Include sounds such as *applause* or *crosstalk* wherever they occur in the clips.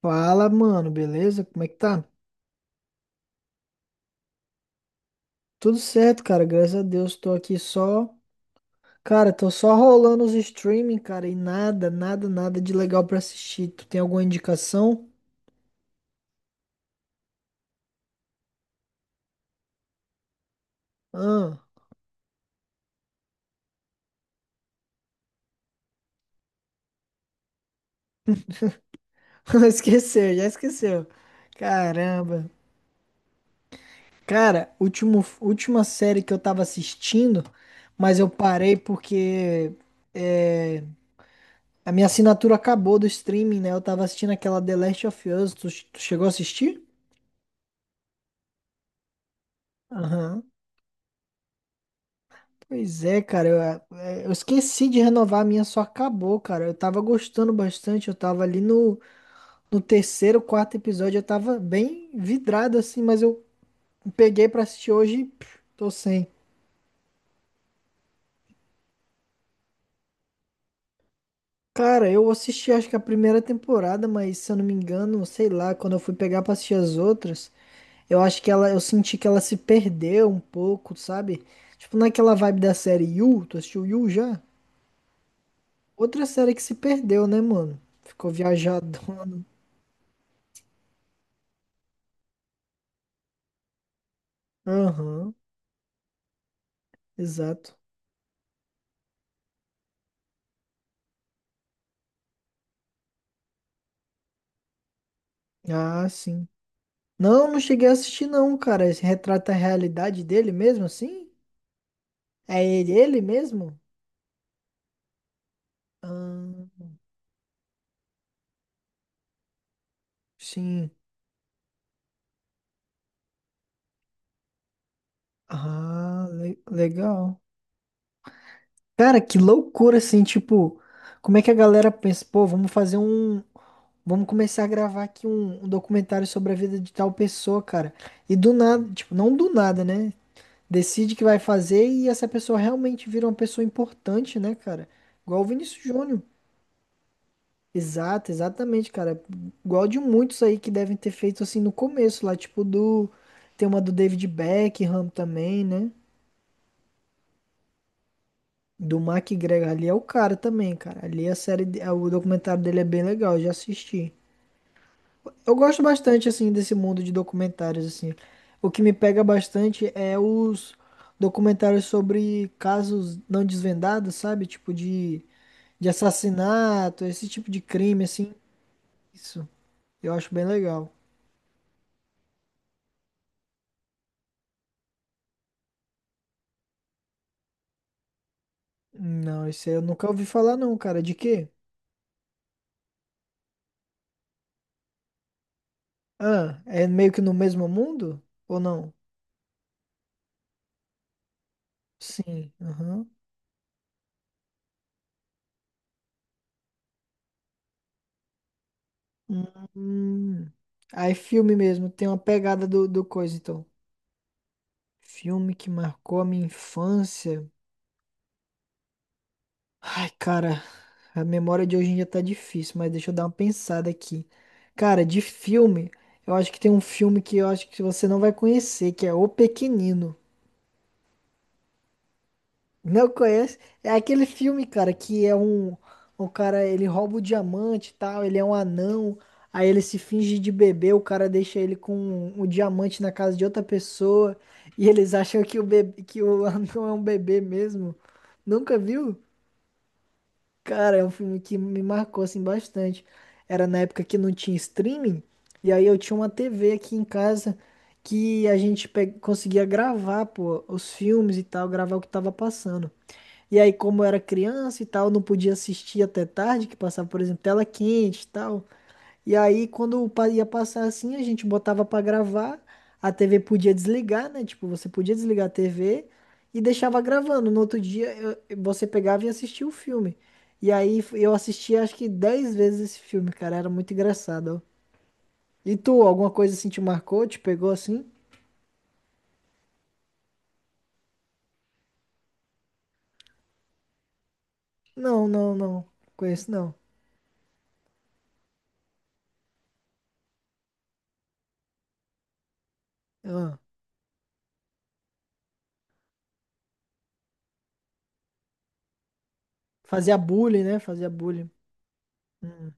Fala, mano, beleza? Como é que tá? Tudo certo, cara, graças a Deus. Tô aqui só. Cara, tô só rolando os streaming, cara, e nada de legal pra assistir. Tu tem alguma indicação? Ah, *laughs* esqueceu, já esqueceu. Caramba. Cara, última série que eu tava assistindo, mas eu parei porque é, a minha assinatura acabou do streaming, né? Eu tava assistindo aquela The Last of Us. Tu chegou a assistir? Aham. Pois é, cara, eu esqueci de renovar, a minha só acabou, cara. Eu tava gostando bastante, eu tava ali no, no terceiro, quarto episódio, eu tava bem vidrado assim, mas eu peguei pra assistir hoje e pff, tô sem. Cara, eu assisti acho que a primeira temporada, mas se eu não me engano, sei lá, quando eu fui pegar pra assistir as outras, eu acho eu senti que ela se perdeu um pouco, sabe? Tipo, naquela vibe da série You, tu assistiu You já? Outra série que se perdeu, né, mano? Ficou viajadona. Aham. Exato. Ah, sim. Não, não cheguei a assistir não, cara. Esse retrata a realidade dele mesmo, assim? É ele mesmo? Ah, sim. Ah, legal. Cara, que loucura, assim, tipo, como é que a galera pensa, pô, vamos começar a gravar aqui um documentário sobre a vida de tal pessoa, cara. E do nada, tipo, não do nada, né? Decide que vai fazer e essa pessoa realmente vira uma pessoa importante, né, cara? Igual o Vinícius Júnior. Exato, exatamente, cara. Igual de muitos aí que devem ter feito assim no começo, lá, tipo do. Tem uma do David Beckham também, né? Do Mark Gregor. Ali é o cara também, cara. Ali o documentário dele é bem legal, eu já assisti. Eu gosto bastante, assim, desse mundo de documentários, assim. O que me pega bastante é os documentários sobre casos não desvendados, sabe? Tipo de assassinato, esse tipo de crime, assim. Isso, eu acho bem legal. Não, isso aí eu nunca ouvi falar não, cara. De quê? Ah, é meio que no mesmo mundo? Ou não? Sim, aham. Hum. Aí filme mesmo, tem uma pegada do coisa, então. Filme que marcou a minha infância. Ai, cara, a memória de hoje em dia tá difícil, mas deixa eu dar uma pensada aqui. Cara, de filme, eu acho que tem um filme que eu acho que você não vai conhecer, que é O Pequenino. Não conhece? É aquele filme, cara, um cara, ele rouba o diamante e tal, ele é um anão, aí ele se finge de bebê, o cara deixa ele com o diamante na casa de outra pessoa, e eles acham que o *laughs* anão é um bebê mesmo. Nunca viu? Cara, é um filme que me marcou assim bastante. Era na época que não tinha streaming, e aí eu tinha uma TV aqui em casa que conseguia gravar, pô, os filmes e tal, gravar o que tava passando. E aí, como eu era criança e tal, não podia assistir até tarde, que passava, por exemplo, tela quente e tal. E aí, ia passar assim, a gente botava pra gravar, a TV podia desligar, né? Tipo, você podia desligar a TV e deixava gravando. No outro dia, você pegava e assistia o filme. E aí, eu assistia acho que 10 vezes esse filme, cara. Era muito engraçado, ó. E tu, alguma coisa assim te marcou, te pegou assim? Não, não, não. Conheço não. Ah, fazia bullying, né? Fazia bullying. Hum.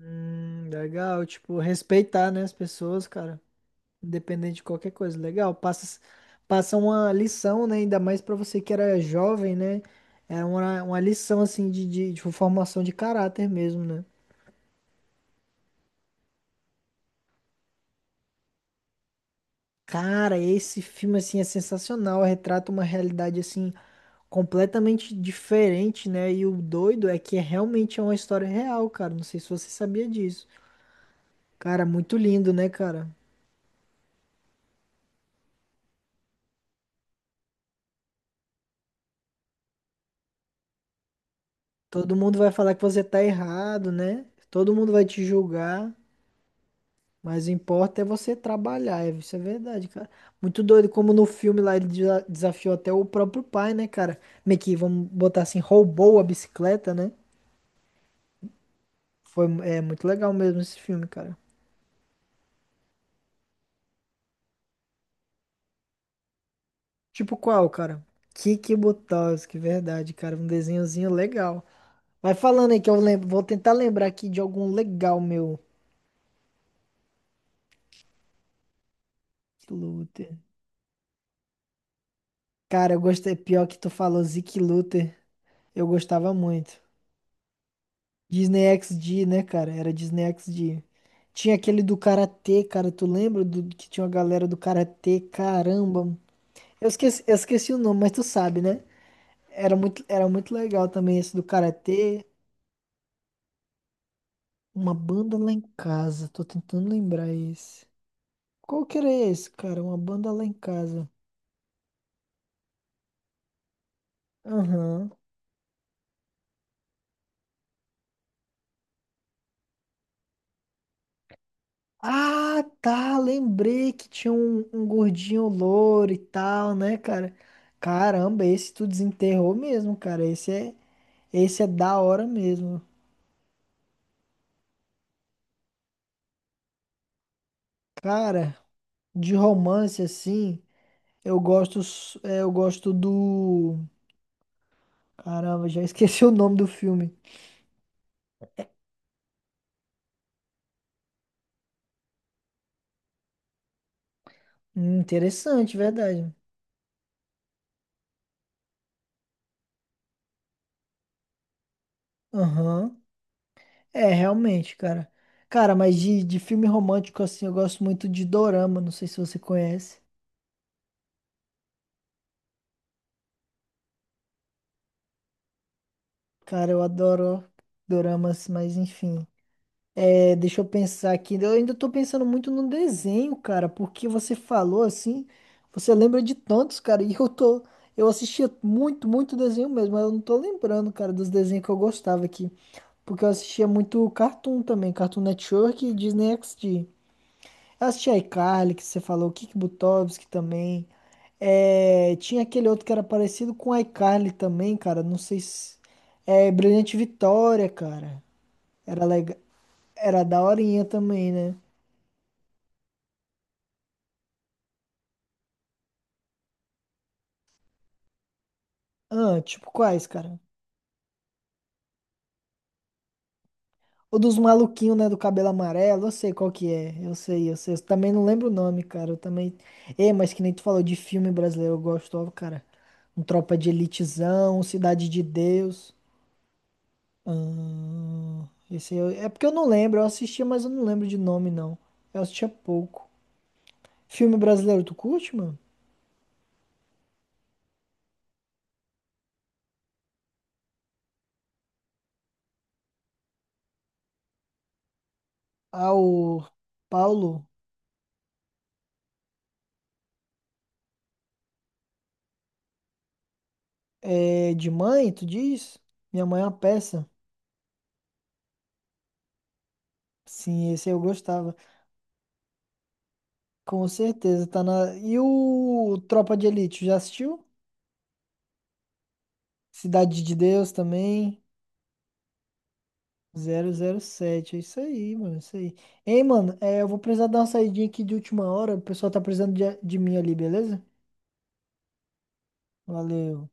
Legal, tipo, respeitar, né, as pessoas, cara, independente de qualquer coisa, legal, passa uma lição, né, ainda mais pra você que era jovem, né, era uma lição, assim, de formação de caráter mesmo, né. Cara, esse filme, assim, é sensacional, retrata uma realidade, assim, completamente diferente, né, e o doido é que é realmente é uma história real, cara, não sei se você sabia disso. Cara, muito lindo, né, cara? Todo mundo vai falar que você tá errado, né? Todo mundo vai te julgar, mas o importa é você trabalhar, isso é verdade, cara. Muito doido, como no filme lá ele desafiou até o próprio pai, né, cara? Meio que, vamos botar assim, roubou a bicicleta, né? Foi, é muito legal mesmo esse filme, cara. Tipo qual, cara? Kiki Butowski, verdade, cara. Um desenhozinho legal. Vai falando aí que eu lembro, vou tentar lembrar aqui de algum legal meu. Luter. Cara, eu gostei, pior que tu falou Zeke Luter. Eu gostava muito. Disney XD, né, cara? Era Disney XD. Tinha aquele do Karatê, cara. Tu lembra do que tinha uma galera do Karatê? Caramba. Eu esqueci o nome, mas tu sabe, né? Era era muito legal também esse do Karatê. Uma banda lá em casa. Tô tentando lembrar esse. Qual que era esse, cara? Uma banda lá em casa. Aham. Ah, tá, lembrei que tinha um gordinho louro e tal, né, cara? Caramba, esse tu desenterrou mesmo, cara. Esse é da hora mesmo. Cara, de romance assim, eu gosto do. Caramba, já esqueci *laughs* o nome do filme. Interessante, verdade. Aham. É, realmente, cara. Cara, mas de filme romântico assim, eu gosto muito de Dorama, não sei se você conhece. Cara, eu adoro doramas, mas enfim. É, deixa eu pensar aqui. Eu ainda tô pensando muito no desenho, cara, porque você falou assim, você lembra de tantos, cara, *laughs* e eu tô. Eu assistia muito desenho mesmo, mas eu não tô lembrando, cara, dos desenhos que eu gostava aqui. Porque eu assistia muito Cartoon também, Cartoon Network e Disney XD. Assisti a iCarly, que você falou, Kik Butovski também. É, tinha aquele outro que era parecido com a iCarly também, cara. Não sei se. É, Brilhante Vitória, cara. Era legal. Era daorinha também, né? Ah, tipo quais, cara? O dos maluquinhos, né? Do cabelo amarelo. Eu sei qual que é. Eu sei. Eu também não lembro o nome, cara. Eu também. É, mas que nem tu falou de filme brasileiro. Eu gosto, ó, cara. Um Tropa de Elitezão, Cidade de Deus. Ah, esse é porque eu não lembro, eu assistia, mas eu não lembro de nome, não. Eu assistia pouco. Filme brasileiro, tu curte, mano? Ah, o Paulo é de mãe, tu diz? Minha mãe é uma peça. Sim, esse aí eu gostava. Com certeza, tá na. E o Tropa de Elite, já assistiu? Cidade de Deus também. 007, é isso aí, mano, é isso aí. Ei, mano, eu vou precisar dar uma saidinha aqui de última hora. O pessoal tá precisando de mim ali, beleza? Valeu.